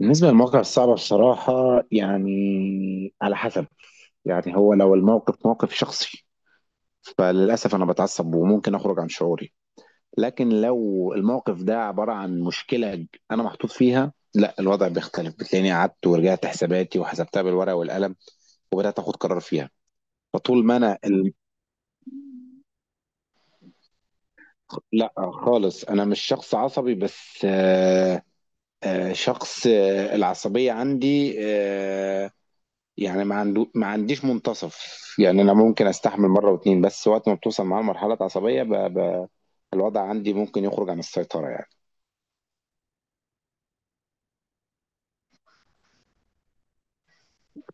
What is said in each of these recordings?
بالنسبة للمواقف الصعبة، بصراحة يعني على حسب. يعني هو لو الموقف موقف شخصي فللأسف أنا بتعصب وممكن أخرج عن شعوري. لكن لو الموقف ده عبارة عن مشكلة أنا محطوط فيها، لا، الوضع بيختلف. بتلاقيني قعدت ورجعت حساباتي وحسبتها بالورقة والقلم وبدأت أخد قرار فيها. فطول ما أنا ال... لا، خالص أنا مش شخص عصبي. بس شخص، العصبية عندي يعني ما عنديش منتصف. يعني انا ممكن استحمل مره واتنين، بس وقت ما بتوصل معاه لمرحله عصبيه الوضع عندي ممكن يخرج عن السيطره يعني.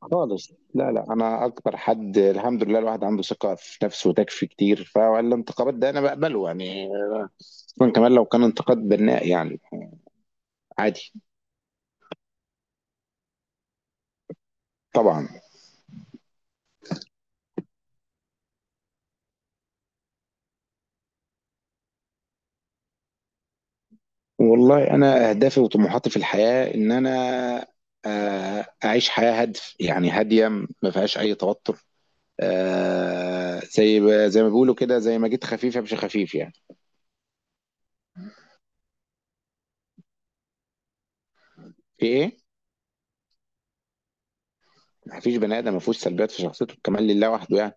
خالص. لا، لا، انا اكبر حد، الحمد لله. الواحد عنده ثقه في نفسه وتكفي كتير، فالانتقادات ده انا بقبله يعني. خصوصا كمان لو كان انتقاد بناء يعني. عادي. طبعا. والله انا اهدافي وطموحاتي في الحياه ان انا اعيش حياه هادف يعني هاديه، ما فيهاش اي توتر. زي ما بيقولوا كده، زي ما جيت خفيف امشي خفيف يعني. في ايه؟ ما فيش بني ادم ما فيهوش سلبيات في شخصيته، كمان لله وحده يعني.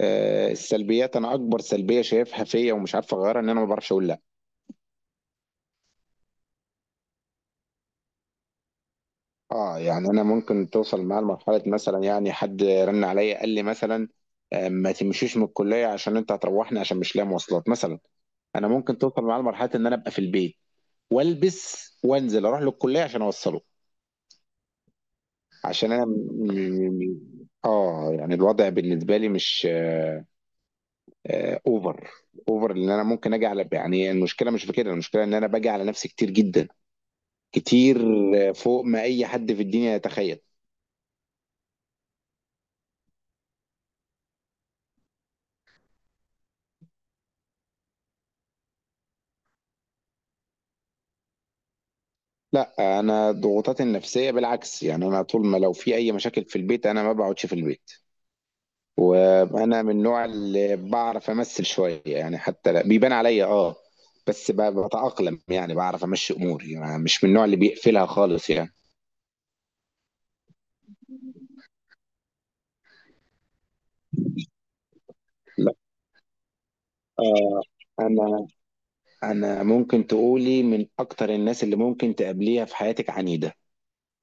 السلبيات، انا اكبر سلبيه شايفها فيا ومش عارف اغيرها ان انا ما بعرفش اقول لا. اه، يعني انا ممكن توصل معايا لمرحله مثلا، يعني حد رن عليا قال لي مثلا ما تمشيش من الكليه عشان انت هتروحني، عشان مش لاقي مواصلات مثلا. انا ممكن توصل معايا لمرحله ان انا ابقى في البيت والبس وانزل اروح للكليه عشان اوصله. عشان انا م... م- م- اه، يعني الوضع بالنسبه لي مش اوفر. اوفر ان انا ممكن اجي على، يعني المشكله مش في كده، المشكله ان انا باجي على نفسي كتير جدا، كتير، فوق ما اي حد في الدنيا يتخيل. لا انا ضغوطاتي النفسيه بالعكس، يعني انا طول ما لو في اي مشاكل في البيت انا ما بقعدش في البيت. وانا من النوع اللي بعرف امثل شويه يعني، حتى بيبان عليا، اه. بس بتاقلم يعني بعرف امشي اموري، يعني مش من النوع اللي بيقفلها خالص يعني. آه أنا أنا ممكن تقولي من أكتر الناس اللي ممكن تقابليها في حياتك عنيدة.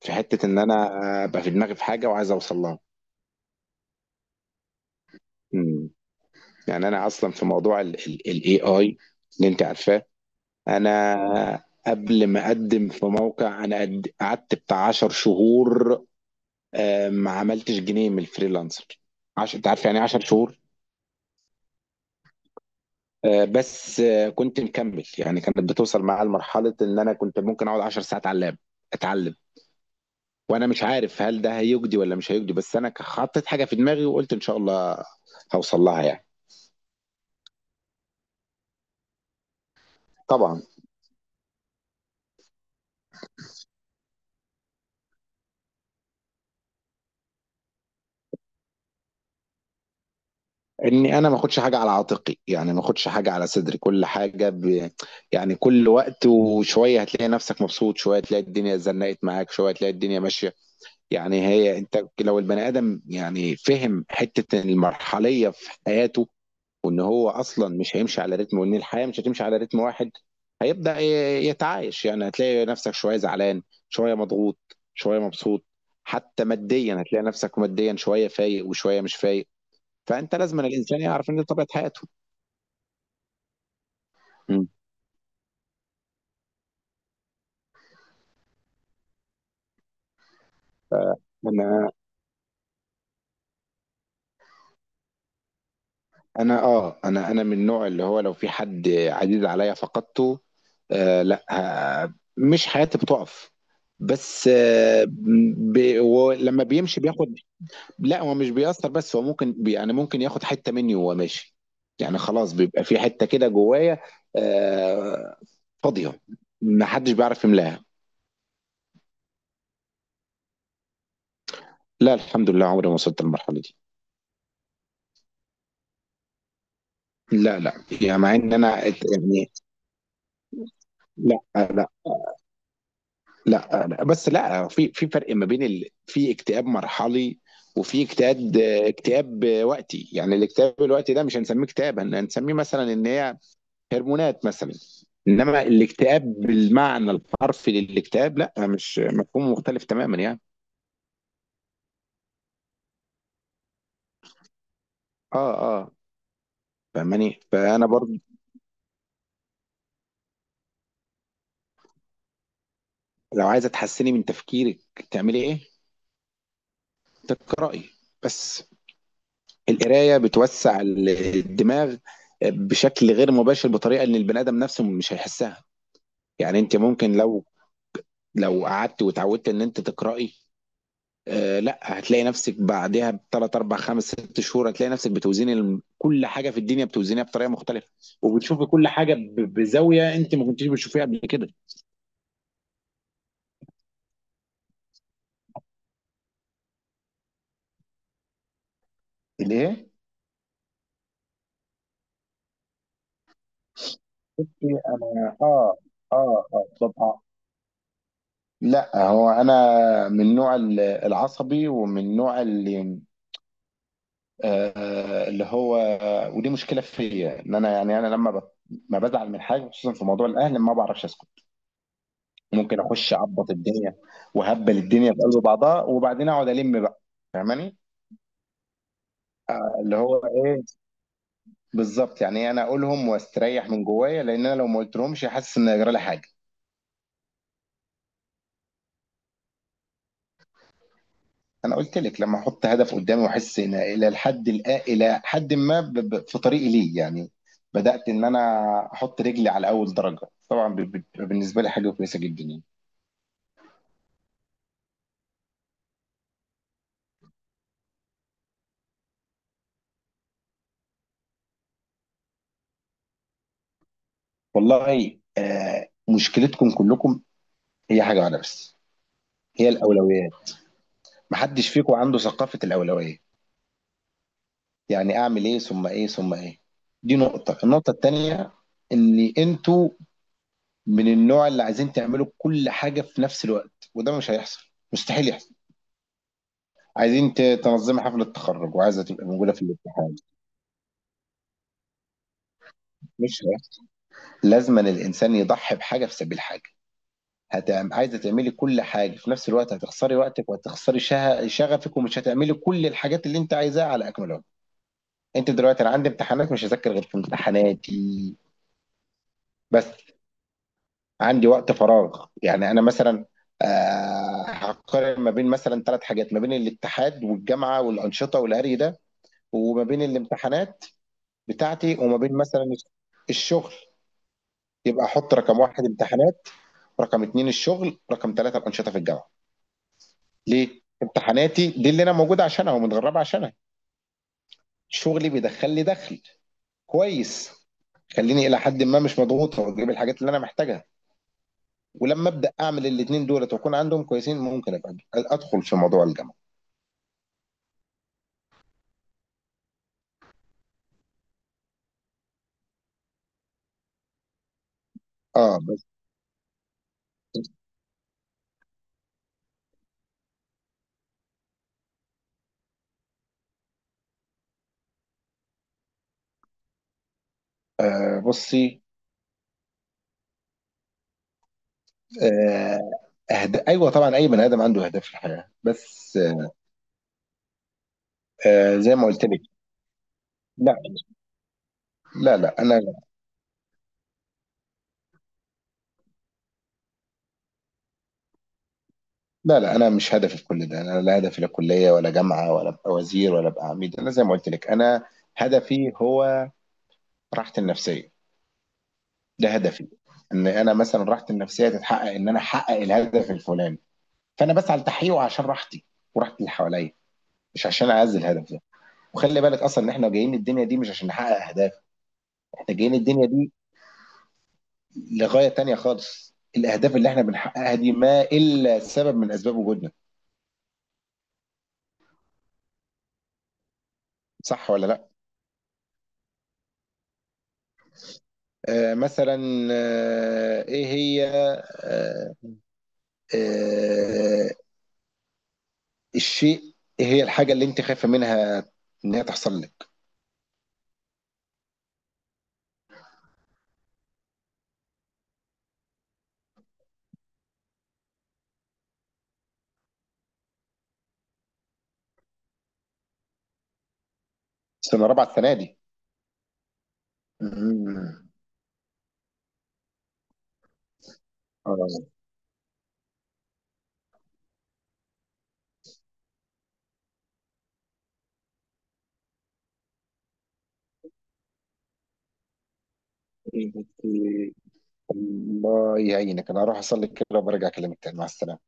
في حتة إن أنا أبقى في دماغي في حاجة وعايز أوصل لها. مم. يعني أنا أصلا في موضوع ال AI اللي أنت عارفاه. أنا قبل ما أقدم في موقع أنا قعدت بتاع 10 شهور، ما عملتش جنيه من الفريلانسر. أنت عارف يعني إيه 10 شهور. بس كنت مكمل يعني، كانت بتوصل معايا لمرحلة إن أنا كنت ممكن أقعد 10 ساعات على اللاب أتعلم. وانا مش عارف هل ده هيجدي ولا مش هيجدي، بس انا حطيت حاجه في دماغي وقلت ان شاء الله هوصل لها يعني. طبعا. اني انا ما اخدش حاجه على عاتقي، يعني ما اخدش حاجه على صدري. كل حاجه يعني كل وقت وشويه هتلاقي نفسك مبسوط، شويه تلاقي الدنيا زنقت معاك، شويه تلاقي الدنيا ماشيه. يعني هي انت لو البني ادم، يعني، فهم حته المرحليه في حياته وان هو اصلا مش هيمشي على رتم، وان الحياه مش هتمشي على رتم واحد، هيبدا يتعايش. يعني هتلاقي نفسك شويه زعلان، شويه مضغوط، شويه مبسوط. حتى ماديا هتلاقي نفسك ماديا شويه فايق وشويه مش فايق. فانت لازم أن الانسان يعرف ان دي طبيعه حياته. مم. انا انا اه انا انا من النوع اللي هو، لو في حد عزيز عليا فقدته، لا، مش حياتي بتقف، بس ولما بيمشي بياخد. لا هو مش بيأثر، بس هو ممكن يعني ممكن ياخد حتة مني وهو ماشي. يعني خلاص بيبقى في حتة كده جوايا آه، فاضية، ما حدش بيعرف يملاها. لا، الحمد لله، عمري ما وصلت للمرحلة دي. لا، لا، يعني مع ان انا يعني، لا، لا، لا، لا. بس لا، في فرق ما بين في اكتئاب مرحلي، وفي اكتئاب وقتي، يعني الاكتئاب الوقتي ده مش هنسميه اكتئاب، هنسميه مثلا ان هي هرمونات مثلا. انما الاكتئاب بالمعنى الحرفي للاكتئاب، لا، مش، مفهوم مختلف تماما يعني. اه. اه. فاهماني؟ فانا برضو. لو عايزه تحسني من تفكيرك، تعملي ايه؟ تقراي بس. القرايه بتوسع الدماغ بشكل غير مباشر، بطريقه ان البني ادم نفسه مش هيحسها. يعني انت ممكن لو قعدت وتعودت ان انت تقراي، لا، هتلاقي نفسك بعدها بثلاث اربع خمس ست شهور هتلاقي نفسك بتوزيني كل حاجه في الدنيا بتوزينها بطريقه مختلفه، وبتشوفي كل حاجه بزاويه انت ما كنتيش بتشوفيها قبل كده. ليه؟ بصي. انا. اه، اه، اه، طبعا. لا هو انا من نوع العصبي، ومن نوع اللي هو. ودي مشكله فيا، ان انا يعني انا لما ما بزعل من حاجه، خصوصا في موضوع الاهل، ما بعرفش اسكت. ممكن اخش اعبط الدنيا وهبل الدنيا في قلب بعضها وبعدين اقعد الم بقى. فاهماني؟ اللي هو ايه، بالظبط، يعني إيه، انا اقولهم واستريح من جوايا، لان انا لو ما قلتلهمش حاسس ان هيجرى لي حاجه. انا قلت لك، لما احط هدف قدامي واحس ان الى الحد الى حد ما في طريقي ليه يعني، بدات ان انا احط رجلي على اول درجه، طبعا بالنسبه لي حاجه كويسه جدا يعني. والله مشكلتكم كلكم هي حاجه واحده بس. هي الاولويات. محدش فيكم عنده ثقافه الاولويات، يعني اعمل ايه ثم ايه ثم ايه. دي نقطة. النقطة التانية ان انتوا من النوع اللي عايزين تعملوا كل حاجة في نفس الوقت، وده مش هيحصل، مستحيل يحصل. عايزين تنظمي حفلة تخرج وعايزة تبقى موجودة في الاتحاد، مش هيحصل. لازما الانسان يضحي بحاجة في سبيل حاجة. عايزة تعملي كل حاجة في نفس الوقت، هتخسري وقتك وهتخسري شغفك، ومش هتعملي كل الحاجات اللي انت عايزاها على اكمل وجه. انت دلوقتي، انا عندي امتحانات، مش هذاكر غير في امتحاناتي بس. عندي وقت فراغ، يعني انا مثلا هقارن ما بين مثلا ثلاث حاجات، ما بين الاتحاد والجامعه والانشطه والهري ده، وما بين الامتحانات بتاعتي، وما بين مثلا الشغل. يبقى احط رقم واحد امتحانات، رقم اتنين الشغل، رقم ثلاثه الانشطه في الجامعه. ليه؟ امتحاناتي دي اللي انا موجود عشانها ومتغربه عشانها. شغلي بيدخل لي دخل كويس، خليني الى حد ما مش مضغوط واجيب الحاجات اللي انا محتاجها. ولما ابدا اعمل الاثنين دولت واكون عندهم كويسين ممكن ابقى ادخل في موضوع الجامعه. اه. بس بصي. آه ايوه طبعا، اي بني ادم عنده اهداف في الحياه، بس زي ما قلت لك. لا، لا، لا، انا، لا، لا، انا مش هدفي في كل ده. انا لا هدفي لا كليه ولا جامعه ولا ابقى وزير ولا ابقى عميد. انا زي ما قلت لك، انا هدفي هو راحتي النفسيه. ده هدفي، ان انا مثلا راحتي النفسيه تتحقق، ان انا احقق الهدف الفلاني، فانا بسعى لتحقيقه عشان راحتي وراحه اللي حواليا، مش عشان اعزل الهدف ده. وخلي بالك اصلا ان احنا جايين الدنيا دي مش عشان نحقق اهداف. احنا جايين الدنيا دي لغايه تانية خالص، الاهداف اللي احنا بنحققها دي ما الا سبب من اسباب وجودنا. صح ولا لا؟ مثلا، ايه هي، آه آه الشيء ايه هي الحاجه اللي انت خايفه منها ان هي تحصل لك؟ سنه رابعه السنه دي. مم. اه، الله يعينك. انا هروح اصلي كده وبرجع اكلمك تاني، مع السلامه.